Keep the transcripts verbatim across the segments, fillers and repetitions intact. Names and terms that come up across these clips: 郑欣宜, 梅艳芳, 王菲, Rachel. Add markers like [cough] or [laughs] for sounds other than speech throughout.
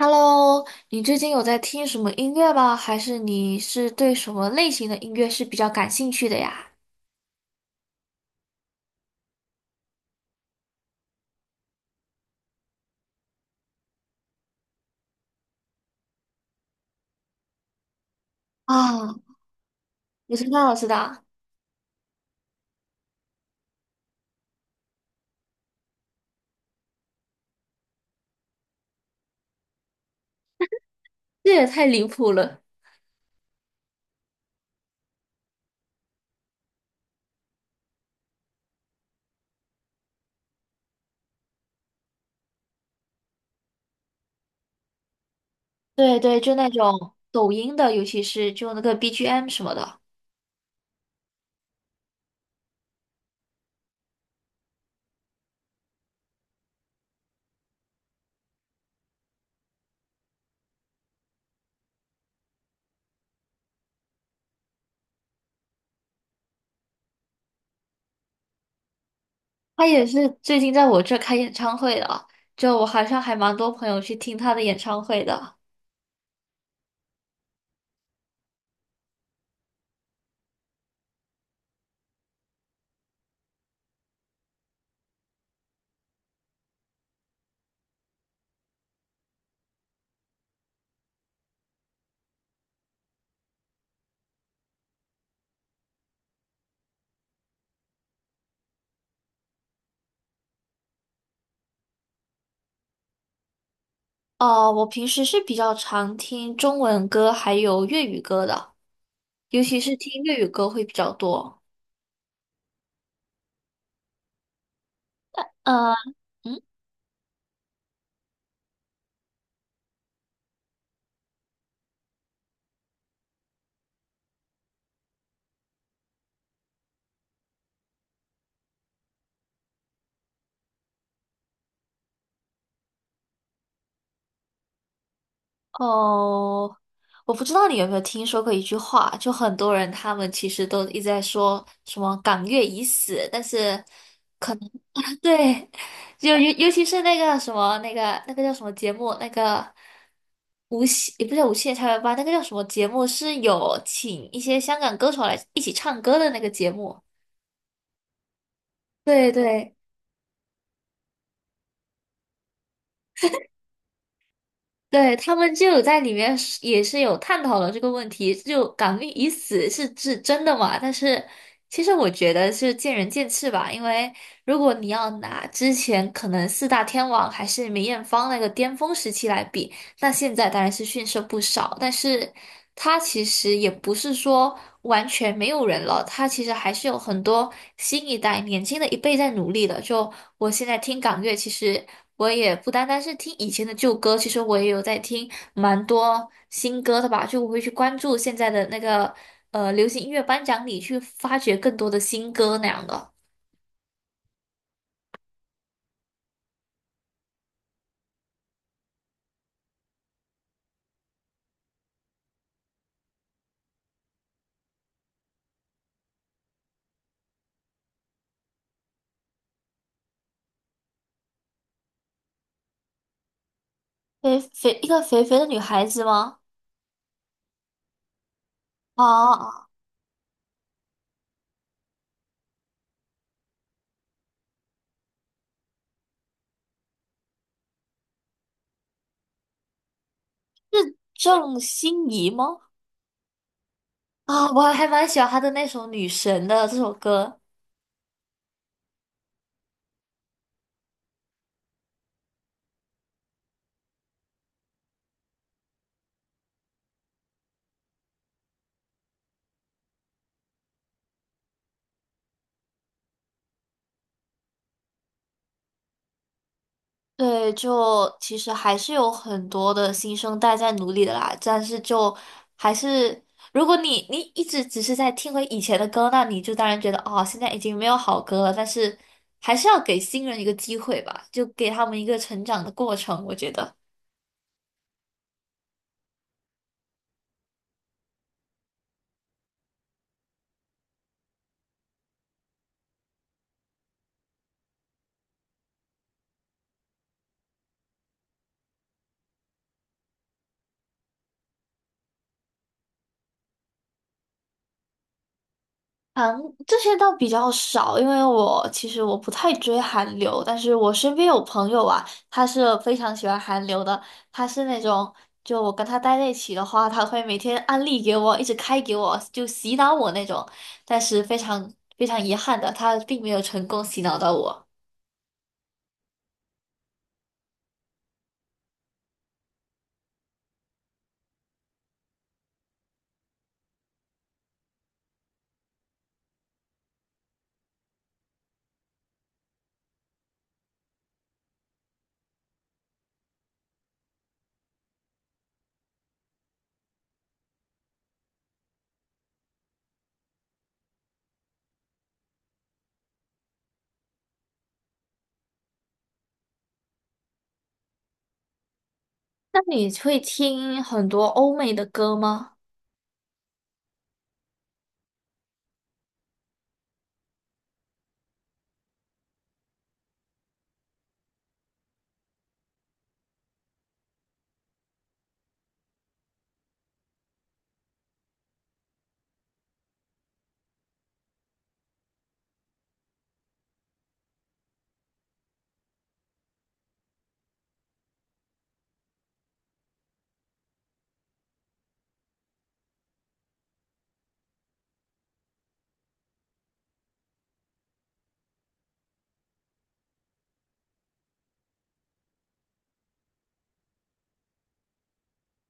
Hello,你最近有在听什么音乐吗？还是你是对什么类型的音乐是比较感兴趣的呀？啊，我知道，我知道，这也太离谱了。对对，就那种抖音的，尤其是就那个 B G M 什么的。他也是最近在我这开演唱会的，就我好像还蛮多朋友去听他的演唱会的。哦，我平时是比较常听中文歌还有粤语歌的，尤其是听粤语歌会比较多。嗯嗯。哦，我不知道你有没有听说过一句话，就很多人他们其实都一直在说什么"港乐已死"，但是 [laughs] 对，就尤尤其是那个什么那个那个叫什么节目，那个无锡也不叫无锡的校园吧，那个叫什么节目是有请一些香港歌手来一起唱歌的那个节目。对对，对，他们就有在里面是也是有探讨了这个问题，就"港命已死"是是真的嘛？但是其实我觉得是见仁见智吧，因为如果你要拿之前可能四大天王还是梅艳芳那个巅峰时期来比，那现在当然是逊色不少，但是它其实也不是说完全没有人了，它其实还是有很多新一代、年轻的一辈在努力的。就我现在听港乐，其实我也不单单是听以前的旧歌，其实我也有在听蛮多新歌的吧。就我会去关注现在的那个呃流行音乐颁奖礼，去发掘更多的新歌那样的。肥肥一个肥肥的女孩子吗？啊，郑欣宜吗？啊、我还蛮喜欢他的那首《女神》的这首歌。对，就其实还是有很多的新生代在努力的啦，但是就还是，如果你你一直只是在听回以前的歌，那你就当然觉得哦，现在已经没有好歌了。但是还是要给新人一个机会吧，就给他们一个成长的过程，我觉得。韩这些倒比较少，因为我其实我不太追韩流，但是我身边有朋友啊，他是非常喜欢韩流的，他是那种就我跟他待在一起的话，他会每天安利给我，一直开给我，就洗脑我那种，但是非常非常遗憾的，他并没有成功洗脑到我。那你会听很多欧美的歌吗？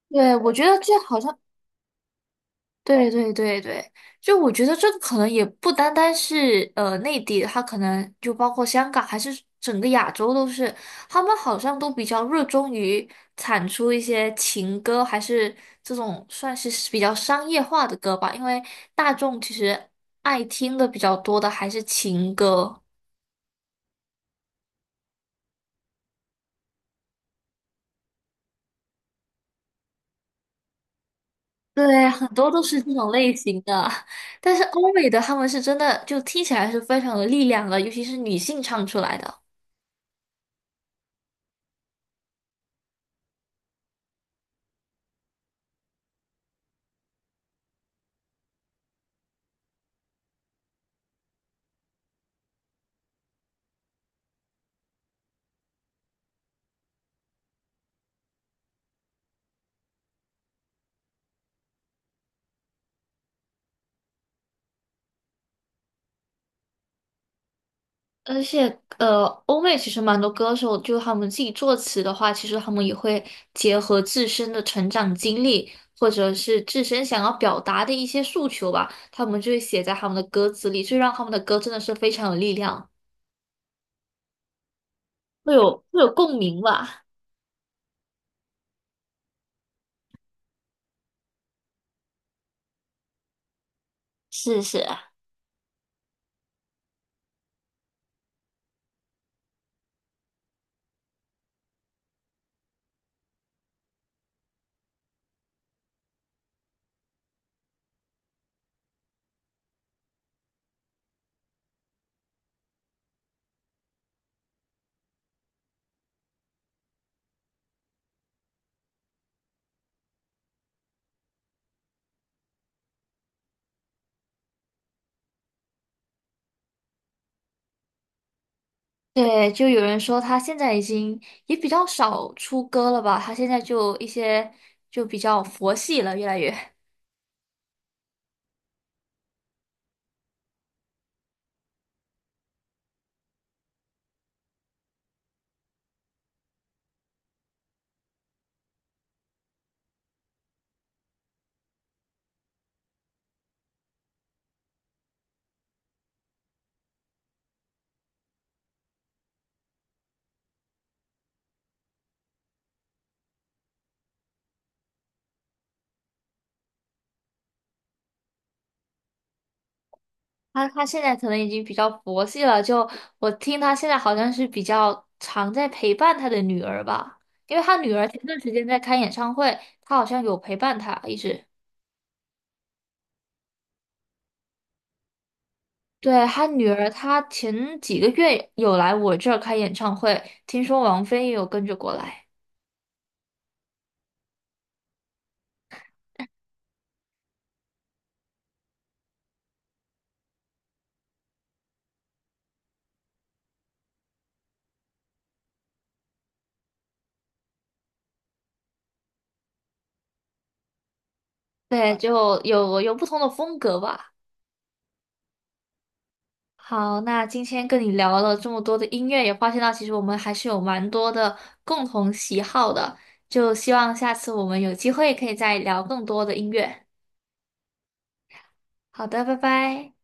对，我觉得这好像对对对对，就我觉得这个可能也不单单是呃内地，它可能就包括香港，还是整个亚洲都是，他们好像都比较热衷于产出一些情歌，还是这种算是比较商业化的歌吧，因为大众其实爱听的比较多的还是情歌。对，很多都是这种类型的，但是欧美的他们是真的就听起来是非常有力量的，尤其是女性唱出来的。而且，呃，欧美其实蛮多歌手，就他们自己作词的话，其实他们也会结合自身的成长经历，或者是自身想要表达的一些诉求吧，他们就会写在他们的歌词里，就让他们的歌真的是非常有力量，会有会有共鸣吧。是是，对，就有人说他现在已经也比较少出歌了吧，他现在就一些就比较佛系了，越来越。他他现在可能已经比较佛系了，就我听他现在好像是比较常在陪伴他的女儿吧，因为他女儿前段时间在开演唱会，他好像有陪伴他一直。对，他女儿，她前几个月有来我这儿开演唱会，听说王菲也有跟着过来。对，就有有不同的风格吧。好，那今天跟你聊了这么多的音乐，也发现到其实我们还是有蛮多的共同喜好的，就希望下次我们有机会可以再聊更多的音乐。好的，拜拜。